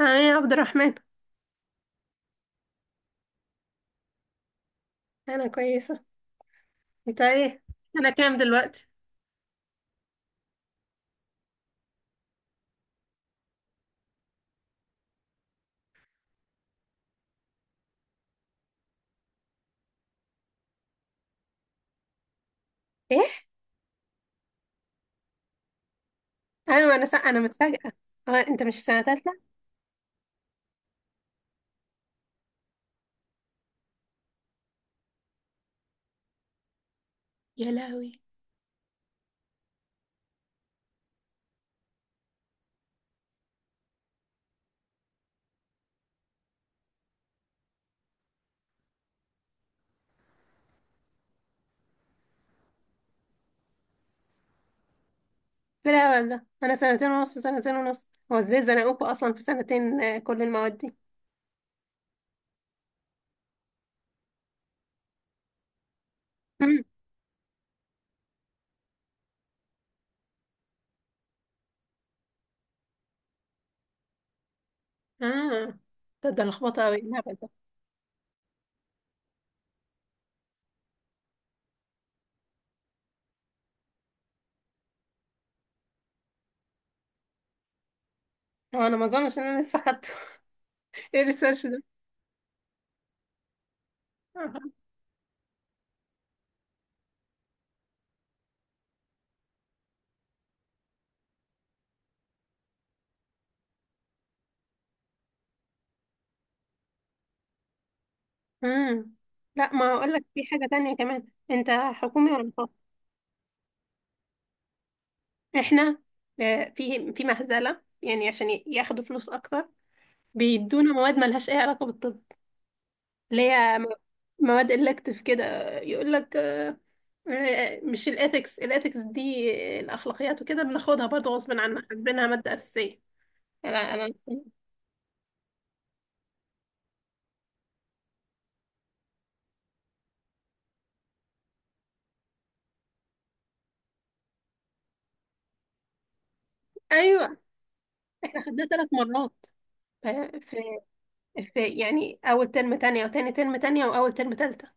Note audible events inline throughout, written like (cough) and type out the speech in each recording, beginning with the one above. اه، يا عبد الرحمن. انا كويسه. انت ايه؟ انا كام دلوقتي؟ ايه؟ ايوه، انا متفاجئه. هو انت مش في سنه تالته؟ يا لهوي! لا والله، انا سنتين ونص سنتين ونص، هو ازاي زنقوكوا اصلا في سنتين كل المواد دي. مم. اه، ده لخبطه قوي الهبل ده. هو انا ما اظنش ان انا لسه خدته. (laughs) ايه الريسيرش ده؟ امم لا، ما اقول لك، في حاجه تانية كمان، انت حكومي ولا خاص؟ احنا في مهزله، يعني عشان ياخدوا فلوس اكتر، بيدونا مواد ملهاش اي علاقة بالطب، اللي هي مواد إلكتيف كده. يقول لك مش الإثكس دي، الأخلاقيات وكده بناخدها برضه غصب عنا حاسبينها مادة أساسية. لا أنا، أيوه، إحنا خدناها 3 مرات، ف- في في يعني أول ترم تانية، وتاني ترم تانية، وأول ترم تالتة.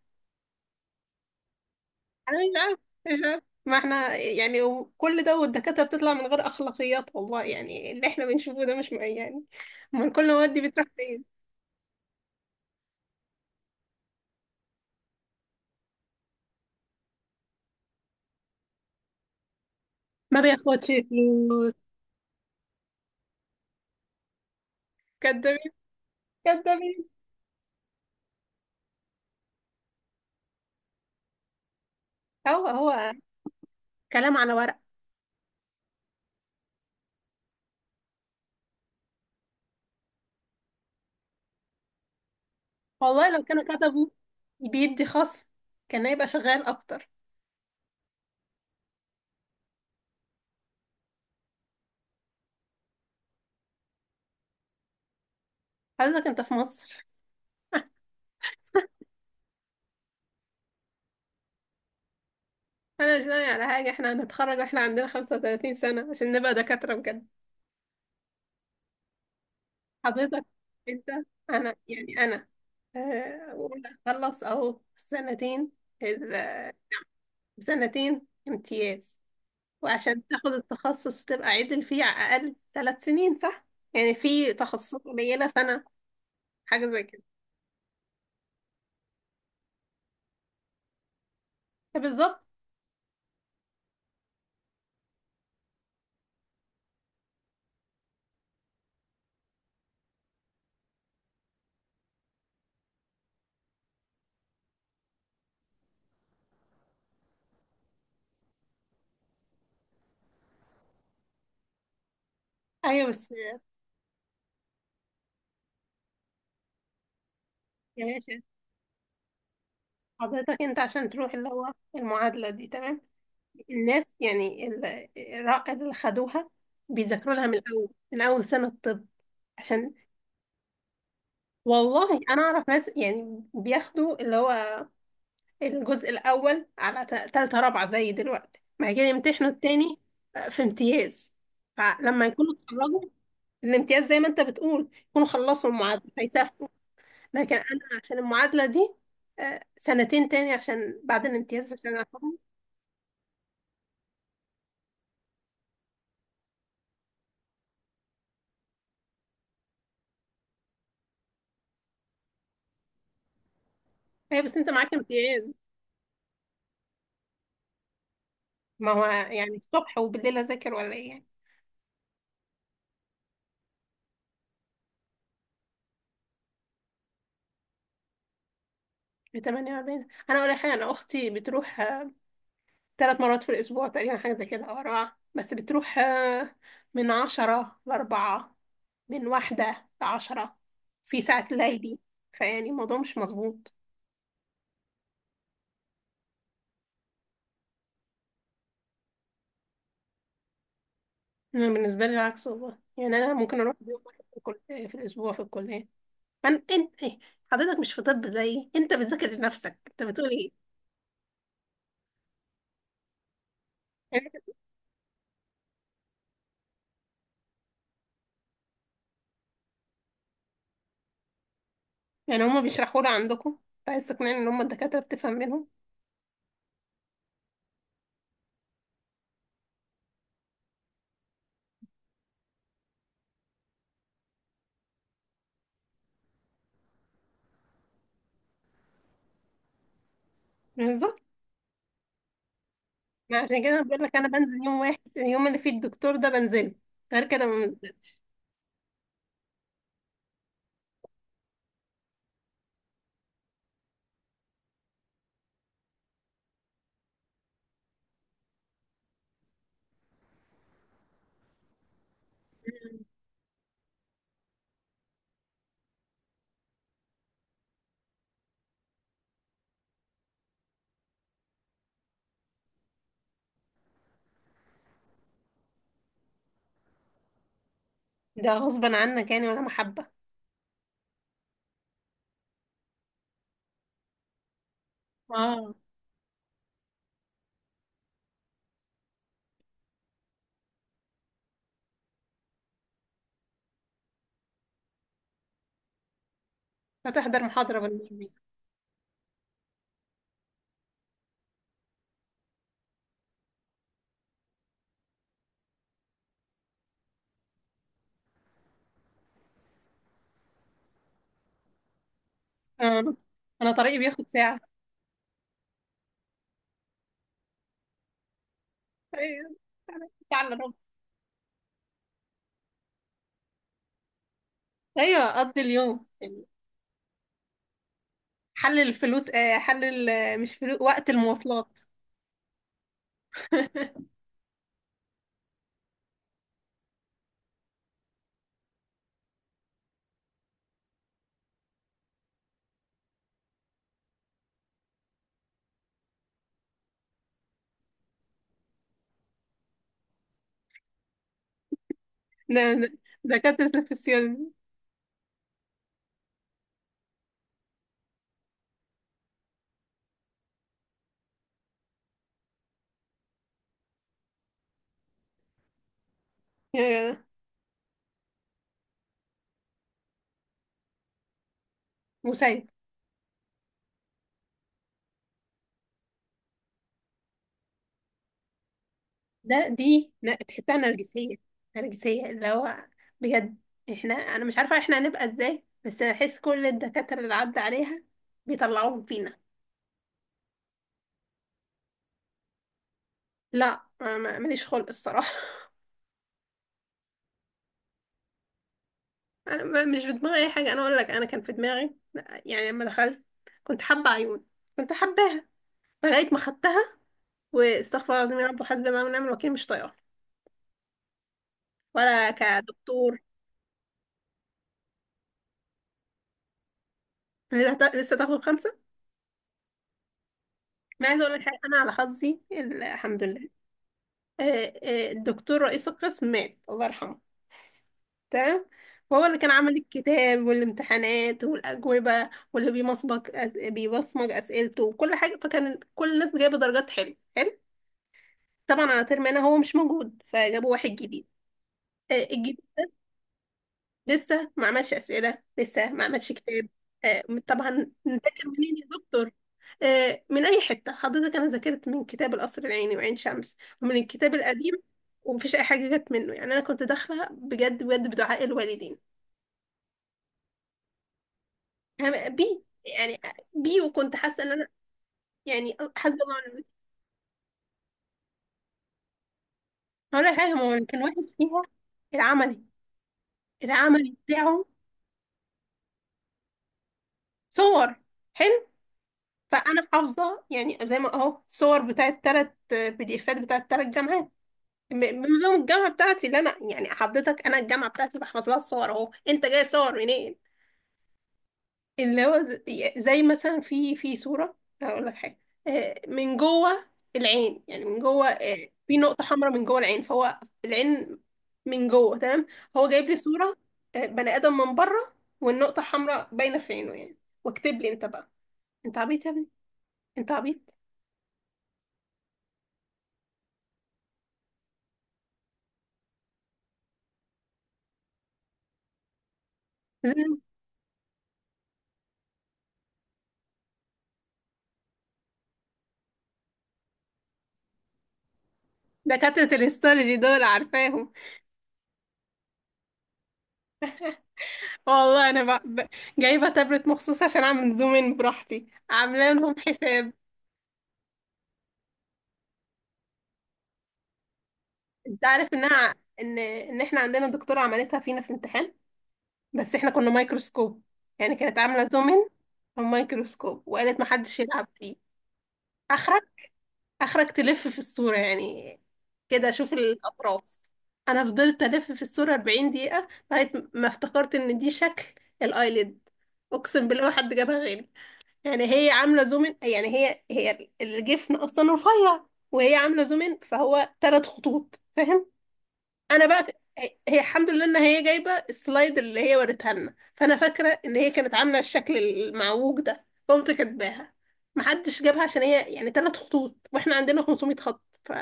أنا مش عارف، مش عارف، ما احنا يعني، وكل ده والدكاترة بتطلع من غير أخلاقيات والله. يعني اللي احنا بنشوفه ده مش يعني. امال كل المواد دي بتروح فين؟ ما بياخدش فلوس، كدابين، كدابين، هو كلام على ورق. والله لو كانوا كتبوا بيدي خصم، كان هيبقى شغال اكتر. حضرتك انت في مصر؟ انا مش ناوي على حاجه، احنا هنتخرج واحنا عندنا 35 سنه عشان نبقى دكاتره بجد. حضرتك انت، انا خلص اهو سنتين، ال- سنتين امتياز، وعشان تاخد التخصص وتبقى عدل فيه على الاقل 3 سنين، صح؟ يعني في تخصصات قليله سنه، حاجه زي كده. بالظبط. ايوه بس، يا باشا، حضرتك انت عشان تروح اللي هو المعادله دي، تمام. الناس يعني الرائد اللي خدوها بيذاكروا لها من الاول، من اول سنه طب، عشان. والله انا اعرف ناس يعني بياخدوا اللي هو الجزء الاول على تالتة رابعه زي دلوقتي، بعد كده يمتحنوا التاني في امتياز. فلما يكونوا اتخرجوا، الامتياز زي ما انت بتقول يكونوا خلصوا المعادله. لكن انا عشان المعادله دي سنتين تاني، عشان بعد الامتياز عشان اخدها. هي بس انت معاك امتياز. ما هو يعني الصبح وبالليل اذاكر ولا ايه يعني؟ بتمانية ما بين. انا اقول لك حاجه، انا اختي بتروح 3 مرات في الاسبوع تقريبا، حاجه زي كده، او اربعه، بس بتروح من عشرة لأربعة، من واحدة لعشرة، في ساعة ليلي. فيعني الموضوع مش مظبوط. أنا بالنسبة لي العكس والله. يعني أنا ممكن أروح يوم واحد في الأسبوع في الكلية. انت إيه؟ حضرتك مش في طب زيي، انت بتذاكر لنفسك، انت بتقول ايه يعني؟ يعني هما بيشرحوا لي عندكم، انت عايز تقنعني ان هما الدكاترة بتفهم منهم؟ بالظبط. ما عشان كده أنا بقول لك، انا بنزل يوم واحد، اليوم اللي فيه الدكتور ده بنزله، غير كده ده غصبا عنك يعني ولا محبة؟ اه، هتحضر محاضرة بالنسبة. اه، انا طريقي بياخد ساعة. ايوه، ساعة الا ربع. ايوه، اقضي اليوم يعني. حل الفلوس، حل مش فلوس، وقت المواصلات. ده ده- دكاترة في السيادة. مسيب. تحسها نرجسية. نرجسية اللي هو، بجد، احنا، انا مش عارفة احنا هنبقى ازاي، بس بحس كل الدكاترة اللي عدى عليها بيطلعوهم فينا. لا، ماليش خلق الصراحة. (laughs) انا مش في دماغي اي حاجة. انا اقول لك، انا كان في دماغي يعني لما دخلت، كنت حابة عيون، كنت حباها، لغاية ما خدتها، واستغفر الله العظيم يا رب وحسبي الله ونعم الوكيل، مش طايقة ولا كدكتور. لسه لسه تاخد خمسة. ما عايزة اقول لك حاجة، انا على حظي الحمد لله، آه، الدكتور رئيس القسم مات الله يرحمه. تمام. فهو اللي كان عامل الكتاب والامتحانات والأجوبة، واللي بيبصمج أسئلته وكل حاجة، فكان كل الناس جايبة درجات حلوة، حلو. طبعا على ترم أنا، هو مش موجود، فجابوا واحد جديد، لسه ما عملش أسئلة، لسه ما عملش كتاب، طبعا. نذاكر منين يا دكتور؟ من أي حتة. حضرتك، أنا ذاكرت من كتاب القصر العيني وعين شمس، ومن الكتاب القديم، ومفيش أي حاجة جت منه، يعني أنا كنت داخلة بجد بجد بدعاء الوالدين. أنا بي يعني، بي، وكنت حاسة إن أنا، يعني، حاسبة الله ونعم الوكيل. هقول لك حاجة، هو اللي كان وحش فيها العملي، العملي بتاعه. صور. حلو. فأنا حافظة، يعني زي ما أهو، صور بتاعت تلات PDFات بتاعت تلات جامعات، من يوم الجامعة بتاعتي، اللي أنا يعني حضرتك، أنا الجامعة بتاعتي بحفظ لها الصور، أهو أنت جاي صور منين؟ اللي هو زي مثلا في صورة، هقول لك حاجة، من جوه العين، يعني من جوه، في نقطة حمراء من جوه العين، فهو العين من جوه، تمام، هو جايب لي صورة، بني آدم من بره، والنقطة حمراء باينة في عينه يعني، واكتب لي أنت بقى. أنت عبيط يا ابني، أنت عبيط. (laughs) دكاترة الهيستولوجي دول عارفاهم. والله انا بقى جايبه تابلت مخصوص عشان اعمل زوم ان براحتي، عامله لهم حساب. انت عارف انها، ان احنا عندنا دكتوره عملتها فينا في امتحان، بس احنا كنا مايكروسكوب، يعني كانت عامله زوم ان ومايكروسكوب، وقالت محدش يلعب فيه. اخرك، اخرك تلف في الصوره يعني، كده اشوف الاطراف. انا فضلت الف في الصوره 40 دقيقه لغايه ما افتكرت ان دي شكل الايلid. اقسم بالله ما حد جابها غيري، يعني هي عاملة يعني هي هي الجفن أصلا رفيع، وهي عاملة زوم إن، فهو 3 خطوط، فاهم؟ أنا بقى، هي هي الحمد لله إن هي جايبة السلايد اللي هي وريتها لنا، فأنا فاكرة إن هي كانت عاملة الشكل المعوج ده، قمت كاتباها. محدش جابها عشان هي يعني 3 خطوط، واحنا عندنا 500 خط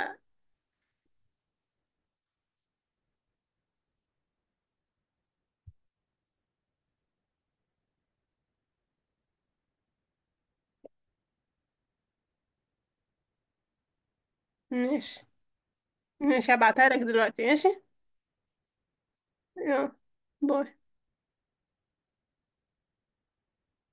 ماشي، ماشي، هبعتها لك دلوقتي، ماشي. يلا، باي.